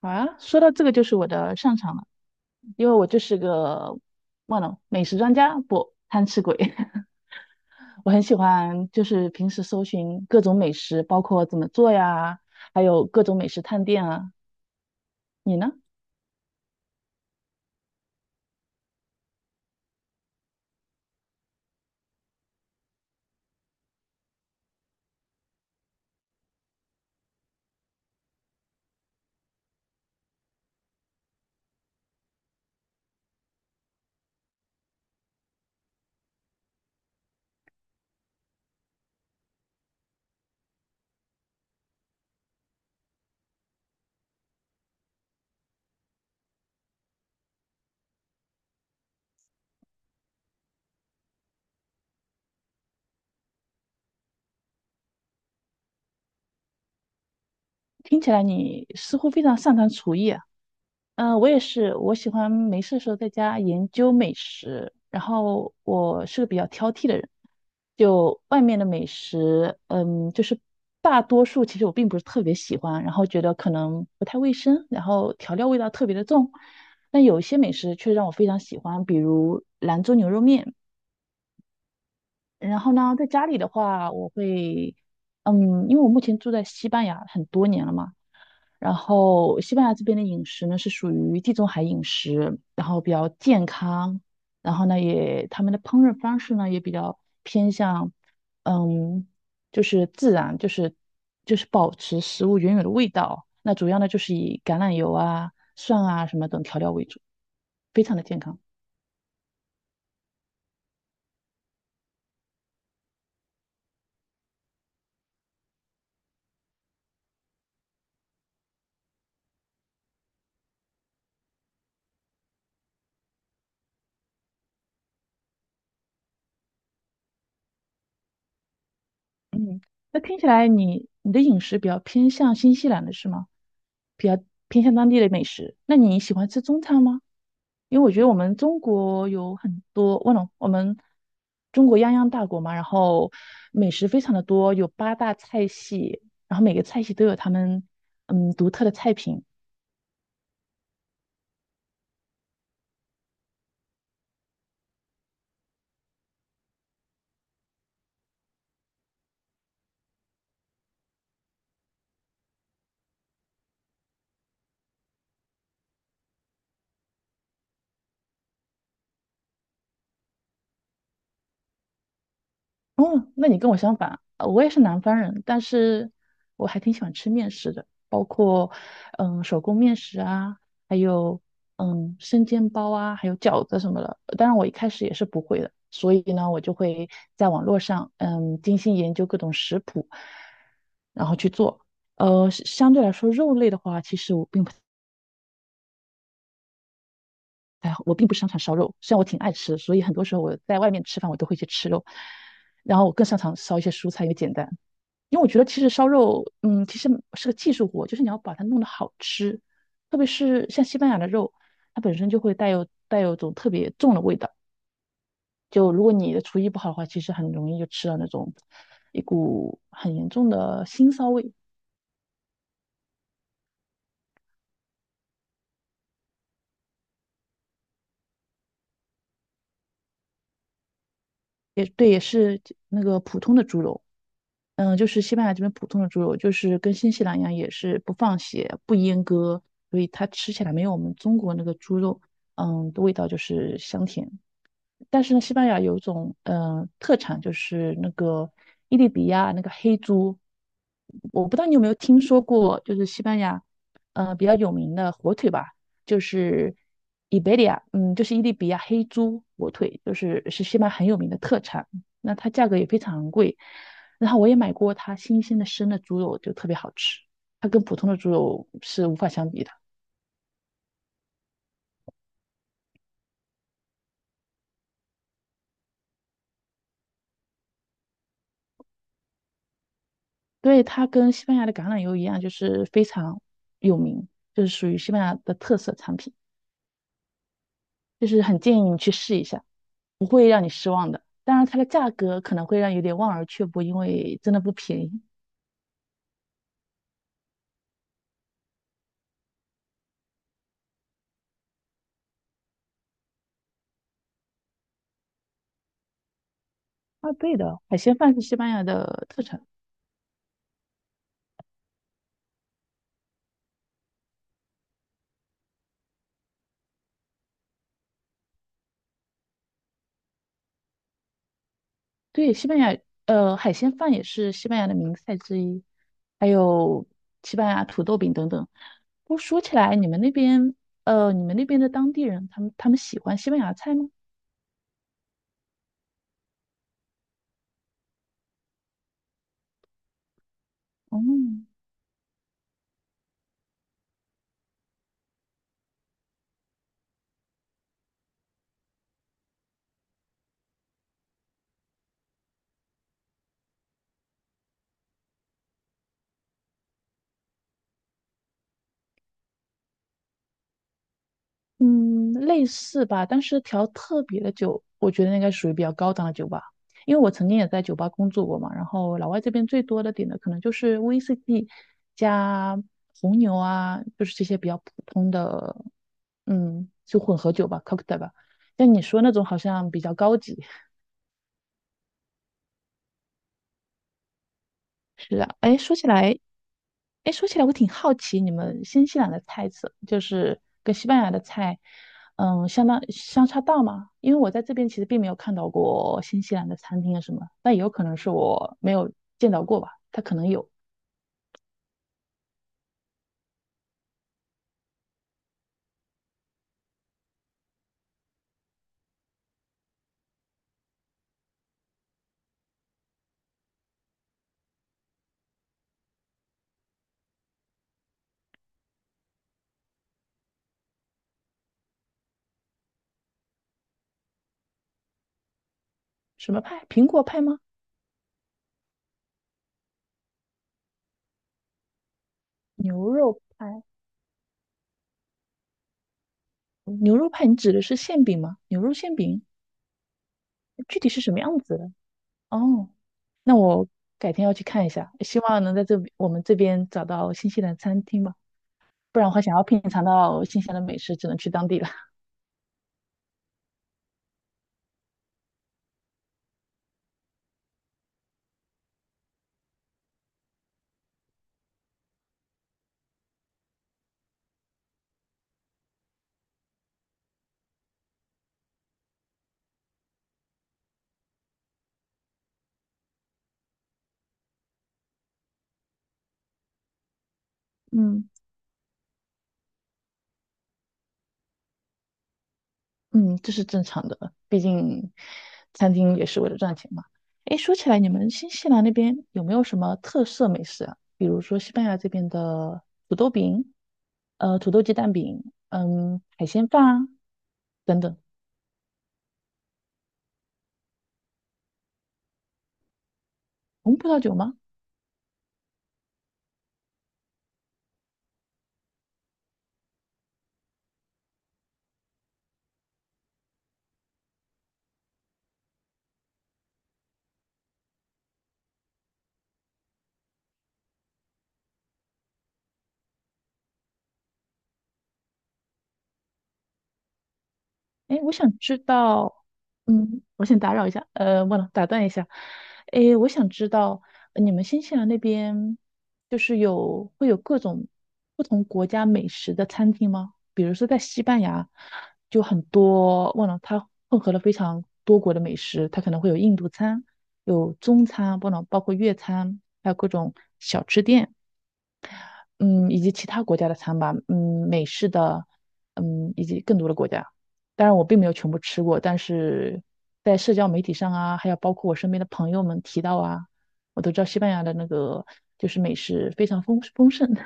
好啊，说到这个就是我的擅长了，因为我就是个美食专家，不，贪吃鬼。我很喜欢就是平时搜寻各种美食，包括怎么做呀，还有各种美食探店啊。你呢？听起来你似乎非常擅长厨艺啊。嗯，我也是，我喜欢没事的时候在家研究美食。然后我是个比较挑剔的人，就外面的美食，嗯，就是大多数其实我并不是特别喜欢，然后觉得可能不太卫生，然后调料味道特别的重。但有一些美食却让我非常喜欢，比如兰州牛肉面。然后呢，在家里的话，我会，嗯，因为我目前住在西班牙很多年了嘛，然后西班牙这边的饮食呢是属于地中海饮食，然后比较健康，然后呢也他们的烹饪方式呢也比较偏向，嗯，就是自然，就是保持食物原有的味道，那主要呢就是以橄榄油啊、蒜啊什么等调料为主，非常的健康。嗯，那听起来你的饮食比较偏向新西兰的是吗？比较偏向当地的美食。那你喜欢吃中餐吗？因为我觉得我们中国有很多，我懂，我们中国泱泱大国嘛，然后美食非常的多，有八大菜系，然后每个菜系都有他们嗯独特的菜品。哦，那你跟我相反，我也是南方人，但是我还挺喜欢吃面食的，包括嗯手工面食啊，还有嗯生煎包啊，还有饺子什么的。当然，我一开始也是不会的，所以呢，我就会在网络上嗯精心研究各种食谱，然后去做。呃，是相对来说，肉类的话，其实我并不太，我并不擅长烧肉。虽然我挺爱吃，所以很多时候我在外面吃饭，我都会去吃肉。然后我更擅长烧一些蔬菜，因为简单。因为我觉得其实烧肉，嗯，其实是个技术活，就是你要把它弄得好吃，特别是像西班牙的肉，它本身就会带有种特别重的味道。就如果你的厨艺不好的话，其实很容易就吃到那种一股很严重的腥骚味。也对，也是那个普通的猪肉，嗯，就是西班牙这边普通的猪肉，就是跟新西兰一样，也是不放血、不阉割，所以它吃起来没有我们中国那个猪肉，嗯，的味道就是香甜。但是呢，西班牙有一种特产，就是那个伊利比亚那个黑猪，我不知道你有没有听说过，就是西班牙比较有名的火腿吧，就是伊贝利亚，嗯，就是伊利比亚黑猪火腿，就是西班牙很有名的特产，那它价格也非常贵，然后我也买过它新鲜的生的猪肉，就特别好吃，它跟普通的猪肉是无法相比的。对，它跟西班牙的橄榄油一样，就是非常有名，就是属于西班牙的特色产品，就是很建议你去试一下。当然，它的价格可能会让有点望而却步，因为真的不便宜。啊，对的，海鲜饭是西班牙的特产。对，西班牙，呃，海鲜饭也是西班牙的名菜之一，还有西班牙土豆饼等等。不过说起来，你们那边，呃，你们那边的当地人，他们喜欢西班牙菜吗？哦、嗯，类似吧，但是调特别的酒，我觉得应该属于比较高档的酒吧，因为我曾经也在酒吧工作过嘛。然后老外这边最多的点的可能就是 VCD 加红牛啊，就是这些比较普通的，嗯，就混合酒吧，cocktail 吧。像你说那种好像比较高级。是啊，哎，说起来，哎，说起来我挺好奇，你们新西兰的菜色就是跟西班牙的菜，嗯，相当相差大吗？因为我在这边其实并没有看到过新西兰的餐厅啊什么，但也有可能是我没有见到过吧。它可能有什么派？苹果派吗？牛肉派？牛肉派？你指的是馅饼吗？牛肉馅饼具体是什么样子的？哦，那我改天要去看一下，希望能在这我们这边找到新西兰餐厅吧，不然的话想要品尝到新西兰的美食，只能去当地了。嗯。嗯，这是正常的，毕竟餐厅也是为了赚钱嘛。诶，说起来，你们新西兰那边有没有什么特色美食啊？比如说西班牙这边的土豆饼，呃，土豆鸡蛋饼，嗯，海鲜饭啊，等等。红葡萄酒吗？哎，我想知道，嗯，我先打扰一下，打断一下，哎，我想知道你们新西兰那边就是有会有各种不同国家美食的餐厅吗？比如说在西班牙，就很多，它混合了非常多国的美食，它可能会有印度餐，有中餐，不能包括粤餐，还有各种小吃店。嗯，以及其他国家的餐吧，嗯，美式的，嗯，以及更多的国家。当然，我并没有全部吃过，但是在社交媒体上啊，还有包括我身边的朋友们提到啊，我都知道西班牙的那个就是美食非常丰盛。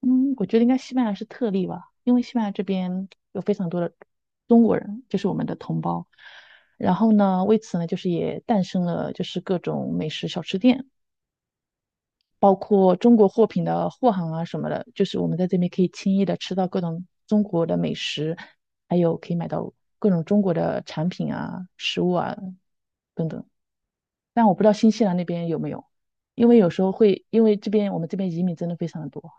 嗯，我觉得应该西班牙是特例吧，因为西班牙这边有非常多的中国人，就是我们的同胞。然后呢，为此呢，就是也诞生了就是各种美食小吃店。包括中国货品的货行啊什么的，就是我们在这边可以轻易的吃到各种中国的美食，还有可以买到各种中国的产品啊、食物啊等等。但我不知道新西兰那边有没有，因为有时候会，因为这边我们这边移民真的非常的多。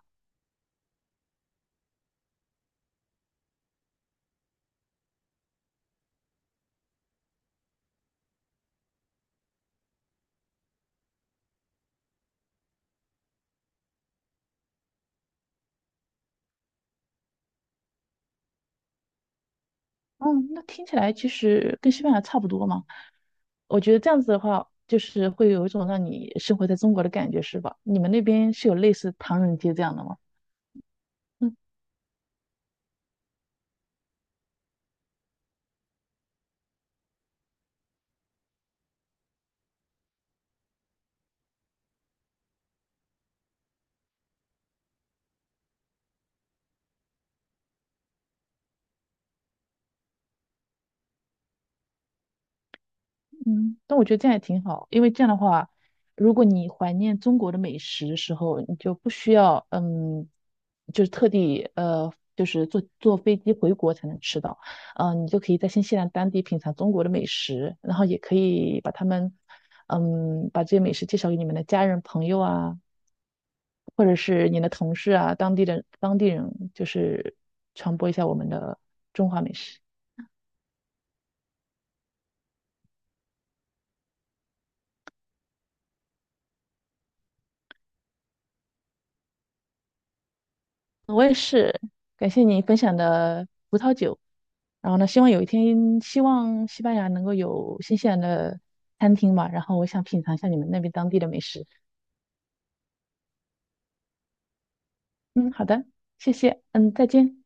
嗯，那听起来其实跟西班牙差不多嘛。我觉得这样子的话，就是会有一种让你生活在中国的感觉，是吧？你们那边是有类似唐人街这样的吗？嗯嗯，但我觉得这样也挺好，因为这样的话，如果你怀念中国的美食的时候，你就不需要嗯，就是特地呃，就是坐飞机回国才能吃到，嗯，你就可以在新西兰当地品尝中国的美食，然后也可以把他们嗯，把这些美食介绍给你们的家人朋友啊，或者是你的同事啊，当地人，就是传播一下我们的中华美食。我也是，感谢你分享的葡萄酒。然后呢，希望有一天，希望西班牙能够有新西兰的餐厅吧。然后我想品尝一下你们那边当地的美食。嗯，好的，谢谢。嗯，再见。